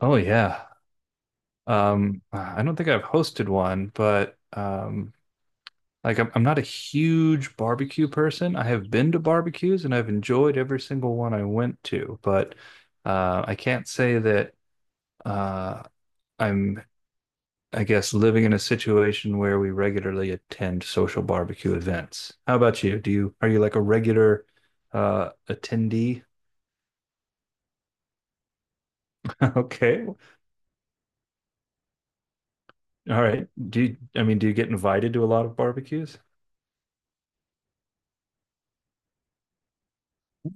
Oh yeah. I don't think I've hosted one, but like I'm not a huge barbecue person. I have been to barbecues and I've enjoyed every single one I went to, but I can't say that uh, I'm, I guess, living in a situation where we regularly attend social barbecue events. How about you? Do you are you like a regular attendee? Okay. All right. Do you, I mean, do you get invited to a lot of barbecues?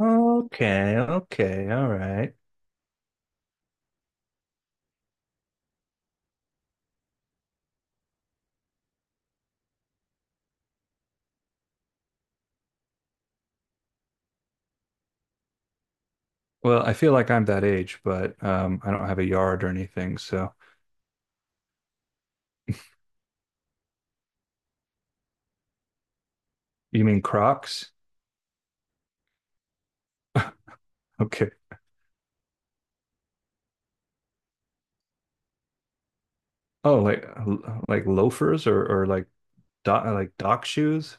Okay, okay, all right. Well, I feel like I'm that age, but I don't have a yard or anything. So you mean Crocs? Okay. Oh, like loafers or like dock shoes?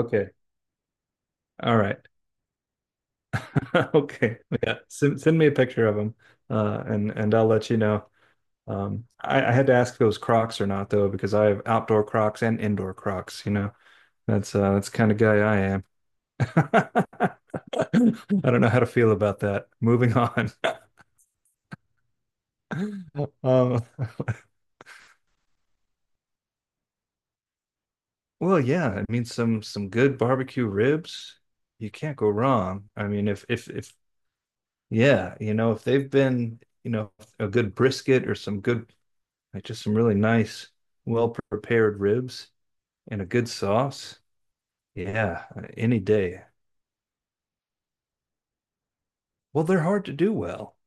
Okay. All right. Okay. Yeah. Send me a picture of them, and I'll let you know. I had to ask if it was Crocs or not though, because I have outdoor Crocs and indoor Crocs. That's the kind of guy I am. I don't know how to feel about that. Moving on. Um, well, yeah, I mean some good barbecue ribs. You can't go wrong. I mean, if yeah, you know, if they've been, you know, a good brisket or some good, like just some really nice, well prepared ribs and a good sauce. Yeah, any day. Well, they're hard to do well.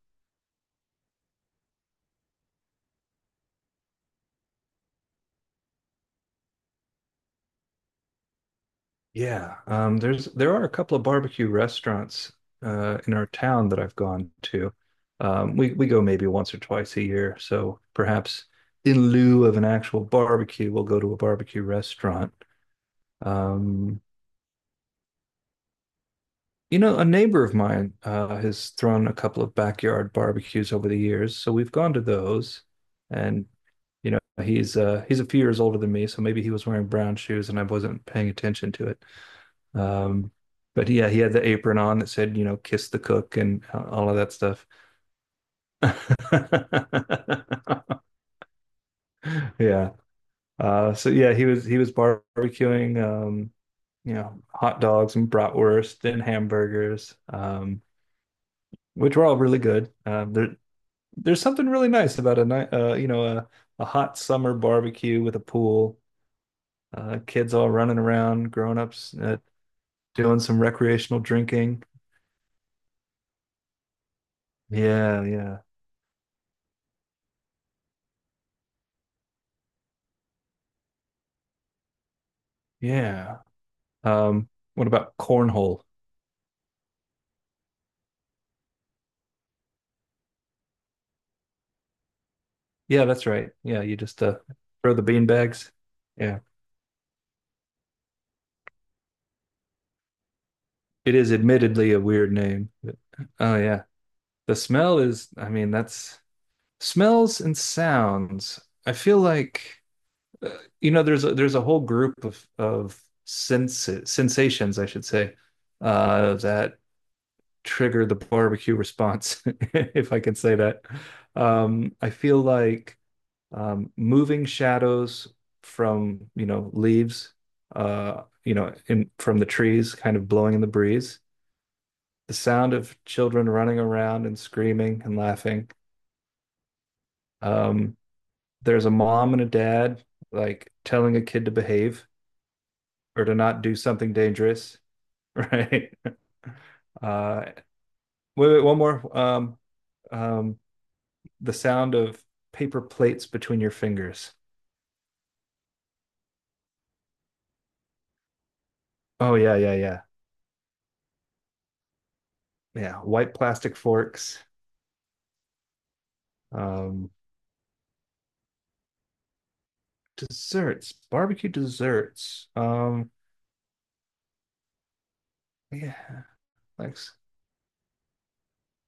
Yeah, there's there are a couple of barbecue restaurants in our town that I've gone to. We go maybe once or twice a year, so perhaps in lieu of an actual barbecue, we'll go to a barbecue restaurant. Um, you know, a neighbor of mine has thrown a couple of backyard barbecues over the years, so we've gone to those. And you know, he's a few years older than me, so maybe he was wearing brown shoes and I wasn't paying attention to it. Um, but yeah, he had the apron on that said, you know, kiss the cook and all of that stuff. yeah. So yeah, he was barbecuing, you know, hot dogs and bratwurst and hamburgers, which were all really good. There, there's something really nice about a night, you know, a hot summer barbecue with a pool, kids all running around, grown ups doing some recreational drinking. Yeah, yeah, yeah. Um, what about cornhole? Yeah, that's right. Yeah, you just throw the bean bags. Yeah, it is admittedly a weird name. But- oh yeah, the smell is. I mean, that's smells and sounds. I feel like uh, you know, there's there's a whole group of sense sensations, I should say, that trigger the barbecue response, if I can say that. I feel like moving shadows from, you know, leaves, you know, in, from the trees, kind of blowing in the breeze, the sound of children running around and screaming and laughing. Um, there's a mom and a dad like telling a kid to behave or to not do something dangerous, right? Uh, wait, one more. Um, the sound of paper plates between your fingers. Oh yeah, yeah, yeah, yeah. White plastic forks. Um, desserts, barbecue desserts. Yeah, like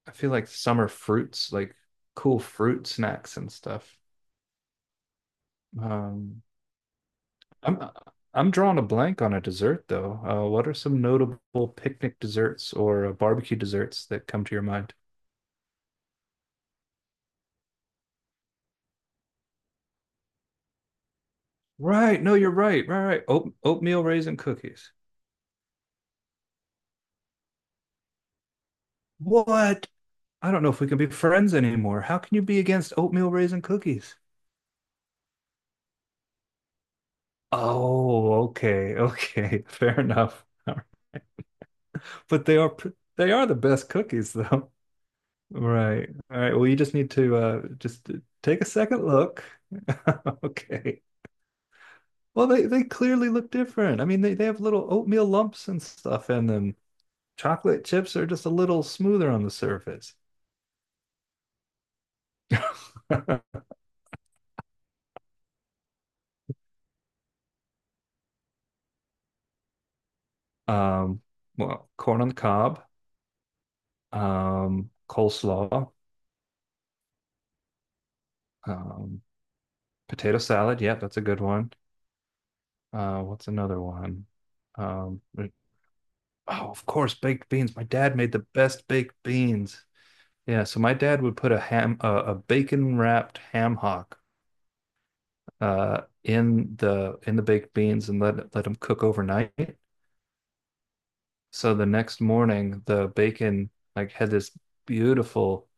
I feel like summer fruits, like cool fruit snacks and stuff. Um, I'm I'm drawing a blank on a dessert though. What are some notable picnic desserts or barbecue desserts that come to your mind? Right, no, you're right. Right, right. Oatmeal raisin cookies. What? I don't know if we can be friends anymore. How can you be against oatmeal raisin cookies? Oh, okay, okay, fair enough. But they are pr- they are the best cookies though. Right. All right. Well, you just need to just take a second look. Okay. Well, they clearly look different. I mean, they have little oatmeal lumps and stuff in them. Chocolate chips are just a little smoother on the surface. Um, well, corn on the cob, coleslaw, um, potato salad. Yeah, that's a good one. What's another one? Um, Oh, of course, baked beans. My dad made the best baked beans. Yeah, so my dad would put a ham, a bacon wrapped ham hock, in the baked beans and let let them cook overnight. So the next morning, the bacon like had this beautiful,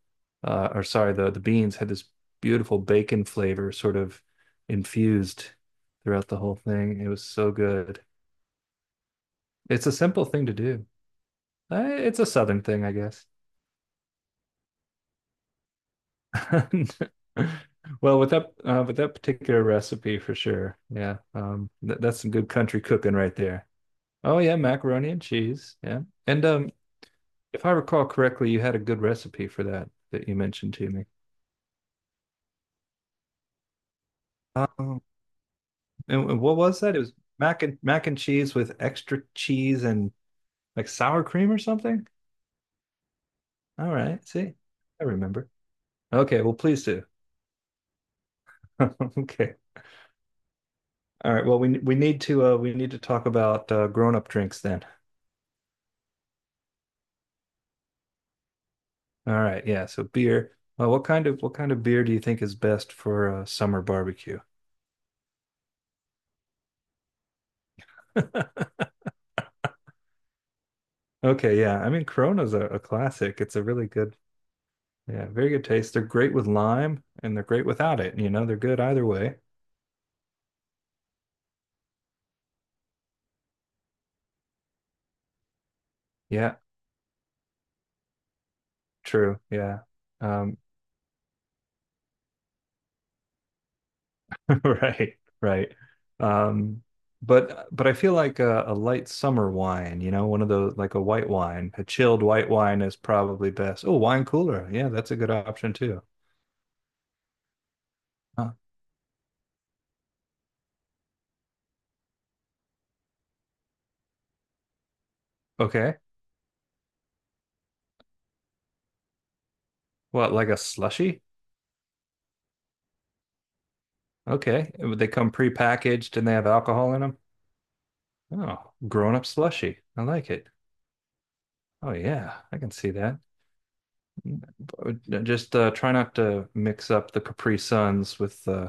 or sorry, the beans had this beautiful bacon flavor sort of infused throughout the whole thing. It was so good. It's a simple thing to do. It's a southern thing, I guess. Well, with that particular recipe for sure. Yeah. Th that's some good country cooking right there. Oh yeah, macaroni and cheese. Yeah. And if I recall correctly, you had a good recipe for that that you mentioned to me. Um and what was that? It was mac and mac and cheese with extra cheese and like sour cream or something? All right. See? I remember. Okay, well please do. Okay. All right. Well, we need to talk about grown-up drinks then. All right, yeah. So beer. Well, what kind of beer do you think is best for a summer barbecue? Okay, yeah. I mean, Corona's a classic. It's a really good, yeah, very good taste. They're great with lime and they're great without it. You know, they're good either way. Yeah, true. Yeah. Um, right, right. Um, but I feel like a light summer wine, you know, one of those like a white wine, a chilled white wine is probably best. Oh, wine cooler. Yeah, that's a good option too. Huh. Okay. What, like a slushy? Okay. Would they come pre-packaged and they have alcohol in them? Oh, grown-up slushy. I like it. Oh yeah, I can see that. Mm, but just try not to mix up the Capri Suns with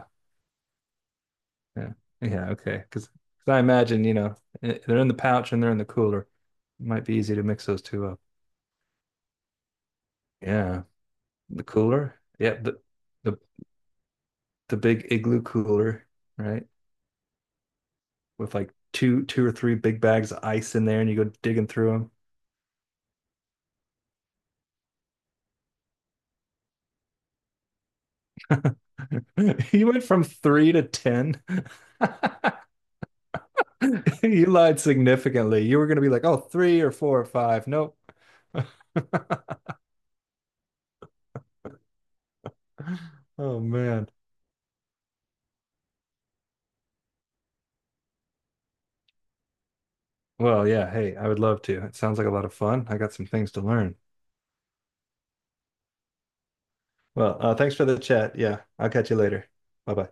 yeah. Yeah, okay. Because I imagine, you know, eh, they're in the pouch and they're in the cooler. It might be easy to mix those two up. Yeah. The cooler? Yeah, the the big igloo cooler, right? With like two or three big bags of ice in there and you go digging through them. You went from three to 10. You lied significantly. You were going to be like, oh, three or four or five. Nope. Oh, man. Well, yeah. Hey, I would love to. It sounds like a lot of fun. I got some things to learn. Well, thanks for the chat. Yeah, I'll catch you later. Bye bye.